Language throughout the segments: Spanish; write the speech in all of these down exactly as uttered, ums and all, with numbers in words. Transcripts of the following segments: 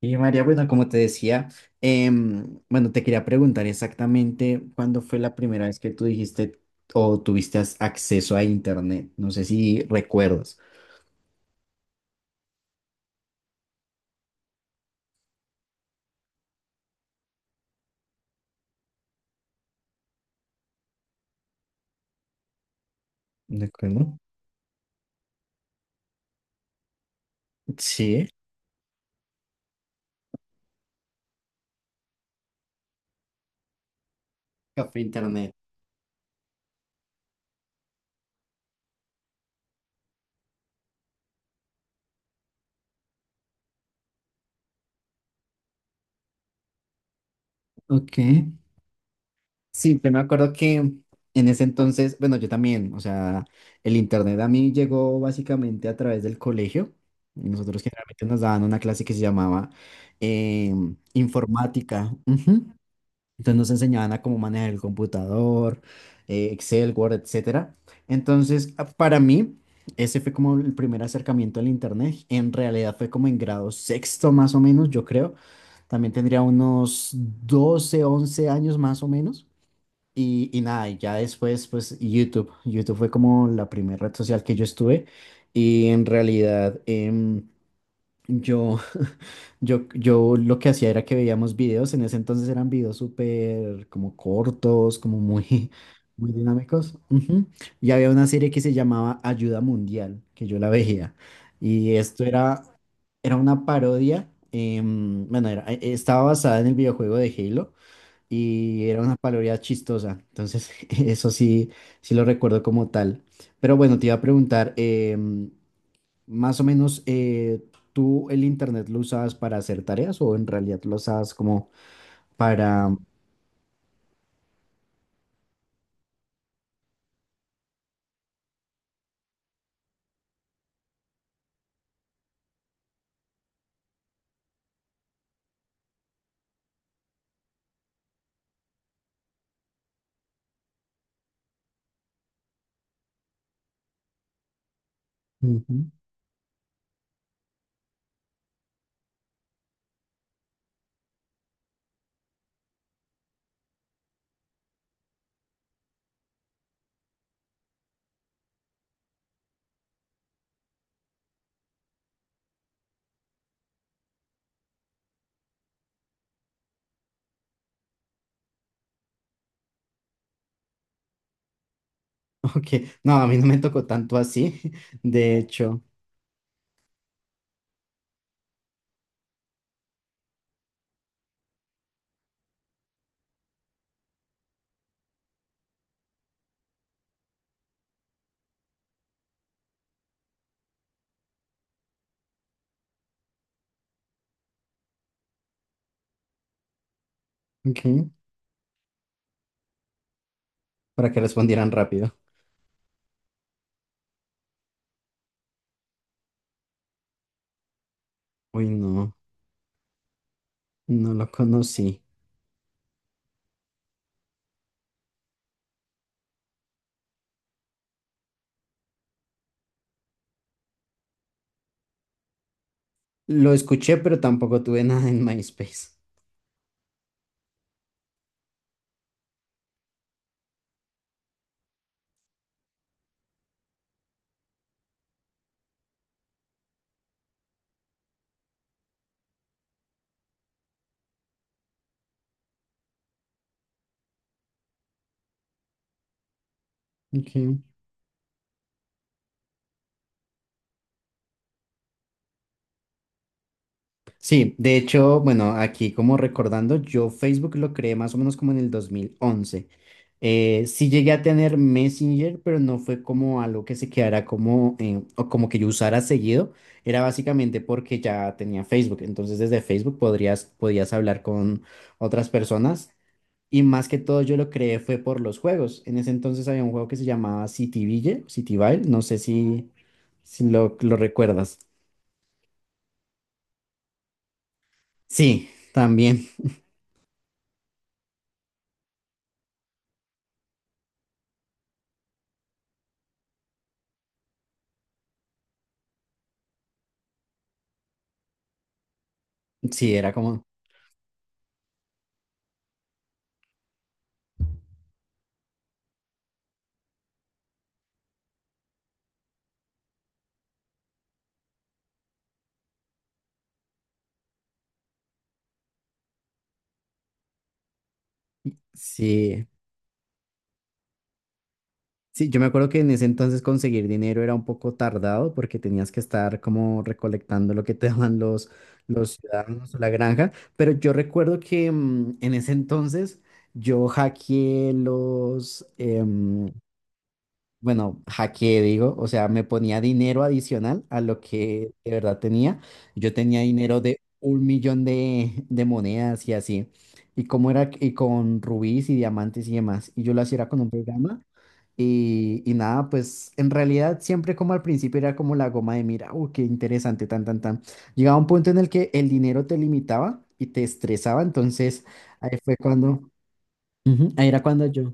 Y María, bueno, como te decía, em, bueno, te quería preguntar exactamente cuándo fue la primera vez que tú dijiste o tuviste as- acceso a Internet. No sé si recuerdas. ¿De acuerdo? Sí. Café Internet. Ok. Sí, pero me acuerdo que en ese entonces, bueno, yo también, o sea, el Internet a mí llegó básicamente a través del colegio. Nosotros generalmente nos daban una clase que se llamaba em, informática. Ujú. Entonces nos enseñaban a cómo manejar el computador, eh, Excel, Word, etcétera. Entonces, a- para mí, ese fue como el primer acercamiento al Internet. En realidad fue como en grado sexto más o menos, yo creo. También tendría unos doce, once años más o menos. Y, y nada, y ya después, pues YouTube. YouTube fue como la primera red social que yo estuve. Y en realidad, em, yo yo, yo lo que hacía era que veíamos videos, en ese entonces eran videos súper como cortos, como muy, muy dinámicos. Ujú. Y había una serie que se llamaba Ayuda Mundial, que yo la veía. Y esto era, era una parodia, em, bueno, era- eh, estaba basada en el videojuego de Halo y era una parodia chistosa. Entonces, eso sí, sí lo recuerdo como tal. Pero bueno, te iba a preguntar, em, más o menos, eh, ¿tú el internet lo usabas para hacer tareas o en realidad lo usabas como para... Ujú. Ok, no, a mí no me tocó tanto así, de hecho, ok, para que respondieran rápido. Uy, no, no lo conocí. Lo escuché, pero tampoco tuve nada en MySpace. Ok. Sí, de hecho, bueno, aquí como recordando, yo Facebook lo creé más o menos como en el dos mil once. Eh, sí llegué a tener Messenger, pero no fue como algo que se quedara como, eh, o como que yo usara seguido. Era básicamente porque ya tenía Facebook. Entonces desde Facebook podrías, podías hablar con otras personas. Y más que todo yo lo creé fue por los juegos. En ese entonces había un juego que se llamaba Cityville, Cityville, no sé si, si lo, lo recuerdas. Sí, también. Sí, era como... Sí, sí, yo me acuerdo que en ese entonces conseguir dinero era un poco tardado porque tenías que estar como recolectando lo que te daban los, los ciudadanos o la granja, pero yo recuerdo que mm, en ese entonces yo hackeé los, em, bueno, hackeé digo, o sea, me ponía dinero adicional a lo que de verdad tenía. Yo tenía dinero de un millón de, de monedas y así. Y cómo era, y con rubíes y diamantes y demás. Y yo lo hacía era con un programa y, y nada, pues en realidad siempre como al principio era como la goma de mira, uh, qué interesante, tan, tan, tan. Llegaba un punto en el que el dinero te limitaba y te estresaba, entonces ahí fue cuando, ujú, ahí era cuando yo,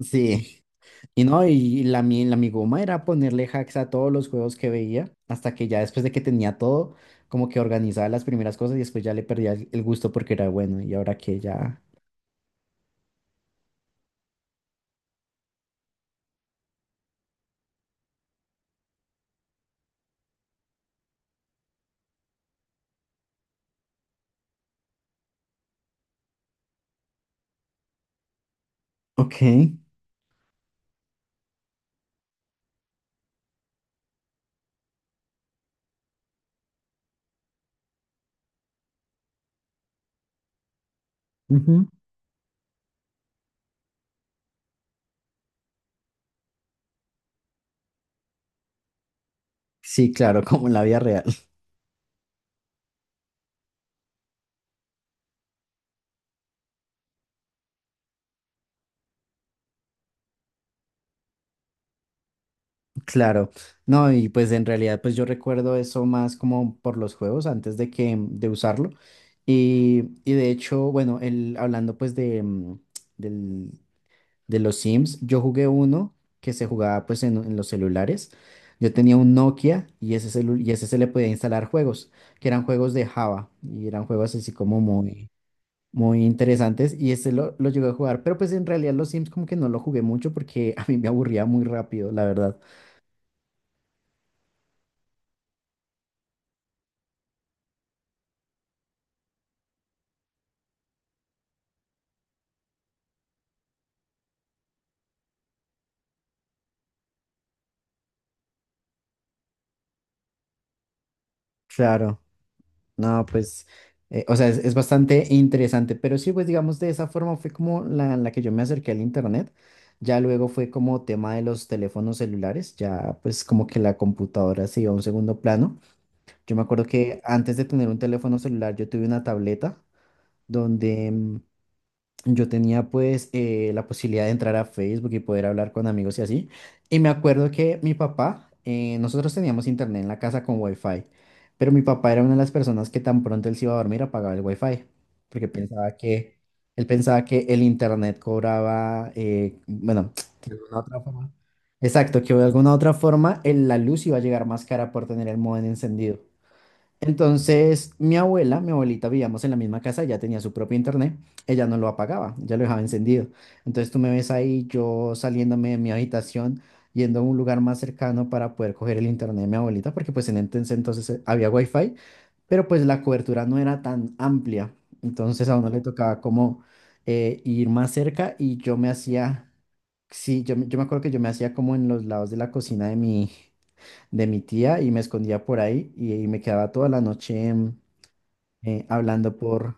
sí, y no, y la, mi- la mi goma era ponerle hacks a todos los juegos que veía, hasta que ya después de que tenía todo, como que organizaba las primeras cosas y después ya le perdía el el gusto porque era bueno, y ahora que ya, ok, ujú. Sí, claro, como en la vida real. Claro, no, y pues en realidad pues yo recuerdo eso más como por los juegos antes de que mm, de usarlo y, y de hecho, bueno, el, hablando pues de, mm, del- de los Sims, yo jugué uno que se jugaba pues en, en, los celulares, yo tenía un Nokia y ese, celu- y ese se le podía instalar juegos, que eran juegos de Java y eran juegos así como muy, muy interesantes y ese lo, lo llegué a jugar, pero pues en realidad los Sims como que no lo jugué mucho porque a mí me aburría muy rápido, la verdad. Claro. No, pues, eh, o sea, es, es bastante interesante, pero sí, pues digamos, de esa forma fue como la, la que yo me acerqué al internet, ya luego fue como tema de los teléfonos celulares, ya pues como que la computadora se iba a un segundo plano. Yo me acuerdo que antes de tener un teléfono celular yo tuve una tableta donde mm, yo tenía pues eh, la posibilidad de entrar a Facebook y poder hablar con amigos y así. Y me acuerdo que mi papá, eh, nosotros teníamos internet en la casa con wifi, pero mi papá era una de las personas que tan pronto él se iba a dormir apagaba el wifi, porque pensaba que, él pensaba que el internet cobraba, eh, bueno, exacto, que de alguna otra forma el- la luz iba a llegar más cara por tener el módem encendido. Entonces, mi abuela, mi abuelita, vivíamos en la misma casa, ella tenía su propio internet, ella no lo apagaba, ya lo dejaba encendido. Entonces, tú me ves ahí, yo saliéndome de mi habitación, yendo a un lugar más cercano para poder coger el internet de mi abuelita, porque pues en ese entonces eh, había wifi, pero pues la cobertura no era tan amplia. Entonces, a uno le tocaba como eh, ir más cerca y yo me hacía, sí, yo, me- yo me acuerdo que yo me hacía como en los lados de la cocina de mi de mi tía y me escondía por ahí y, y me quedaba toda la noche em, eh, hablando por...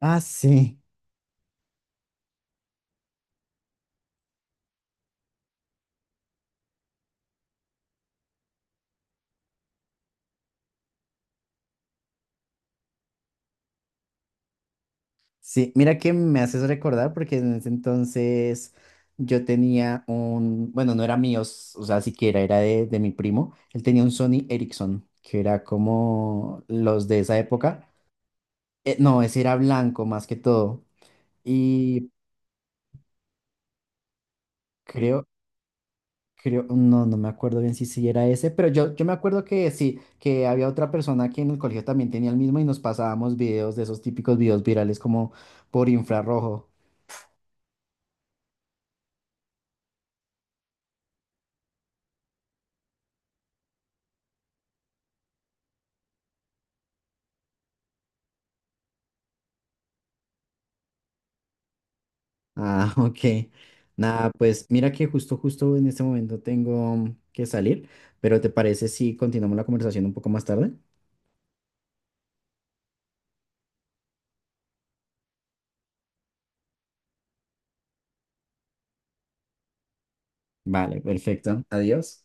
Ah, sí, sí, mira que me haces recordar porque en ese entonces yo tenía un, bueno, no era mío, s- o sea, siquiera era de, de mi primo, él tenía un Sony Ericsson, que era como los de esa época. Eh, no, ese era blanco más que todo y creo... Creo, no, no me acuerdo bien si si era ese, pero yo, yo me acuerdo que sí, que había otra persona que en el colegio también tenía el mismo y nos pasábamos videos de esos típicos videos virales como por infrarrojo. Ah, ok. Nada, pues mira que justo, justo en este momento tengo que salir, pero ¿te parece si continuamos la conversación un poco más tarde? Vale, perfecto. Adiós.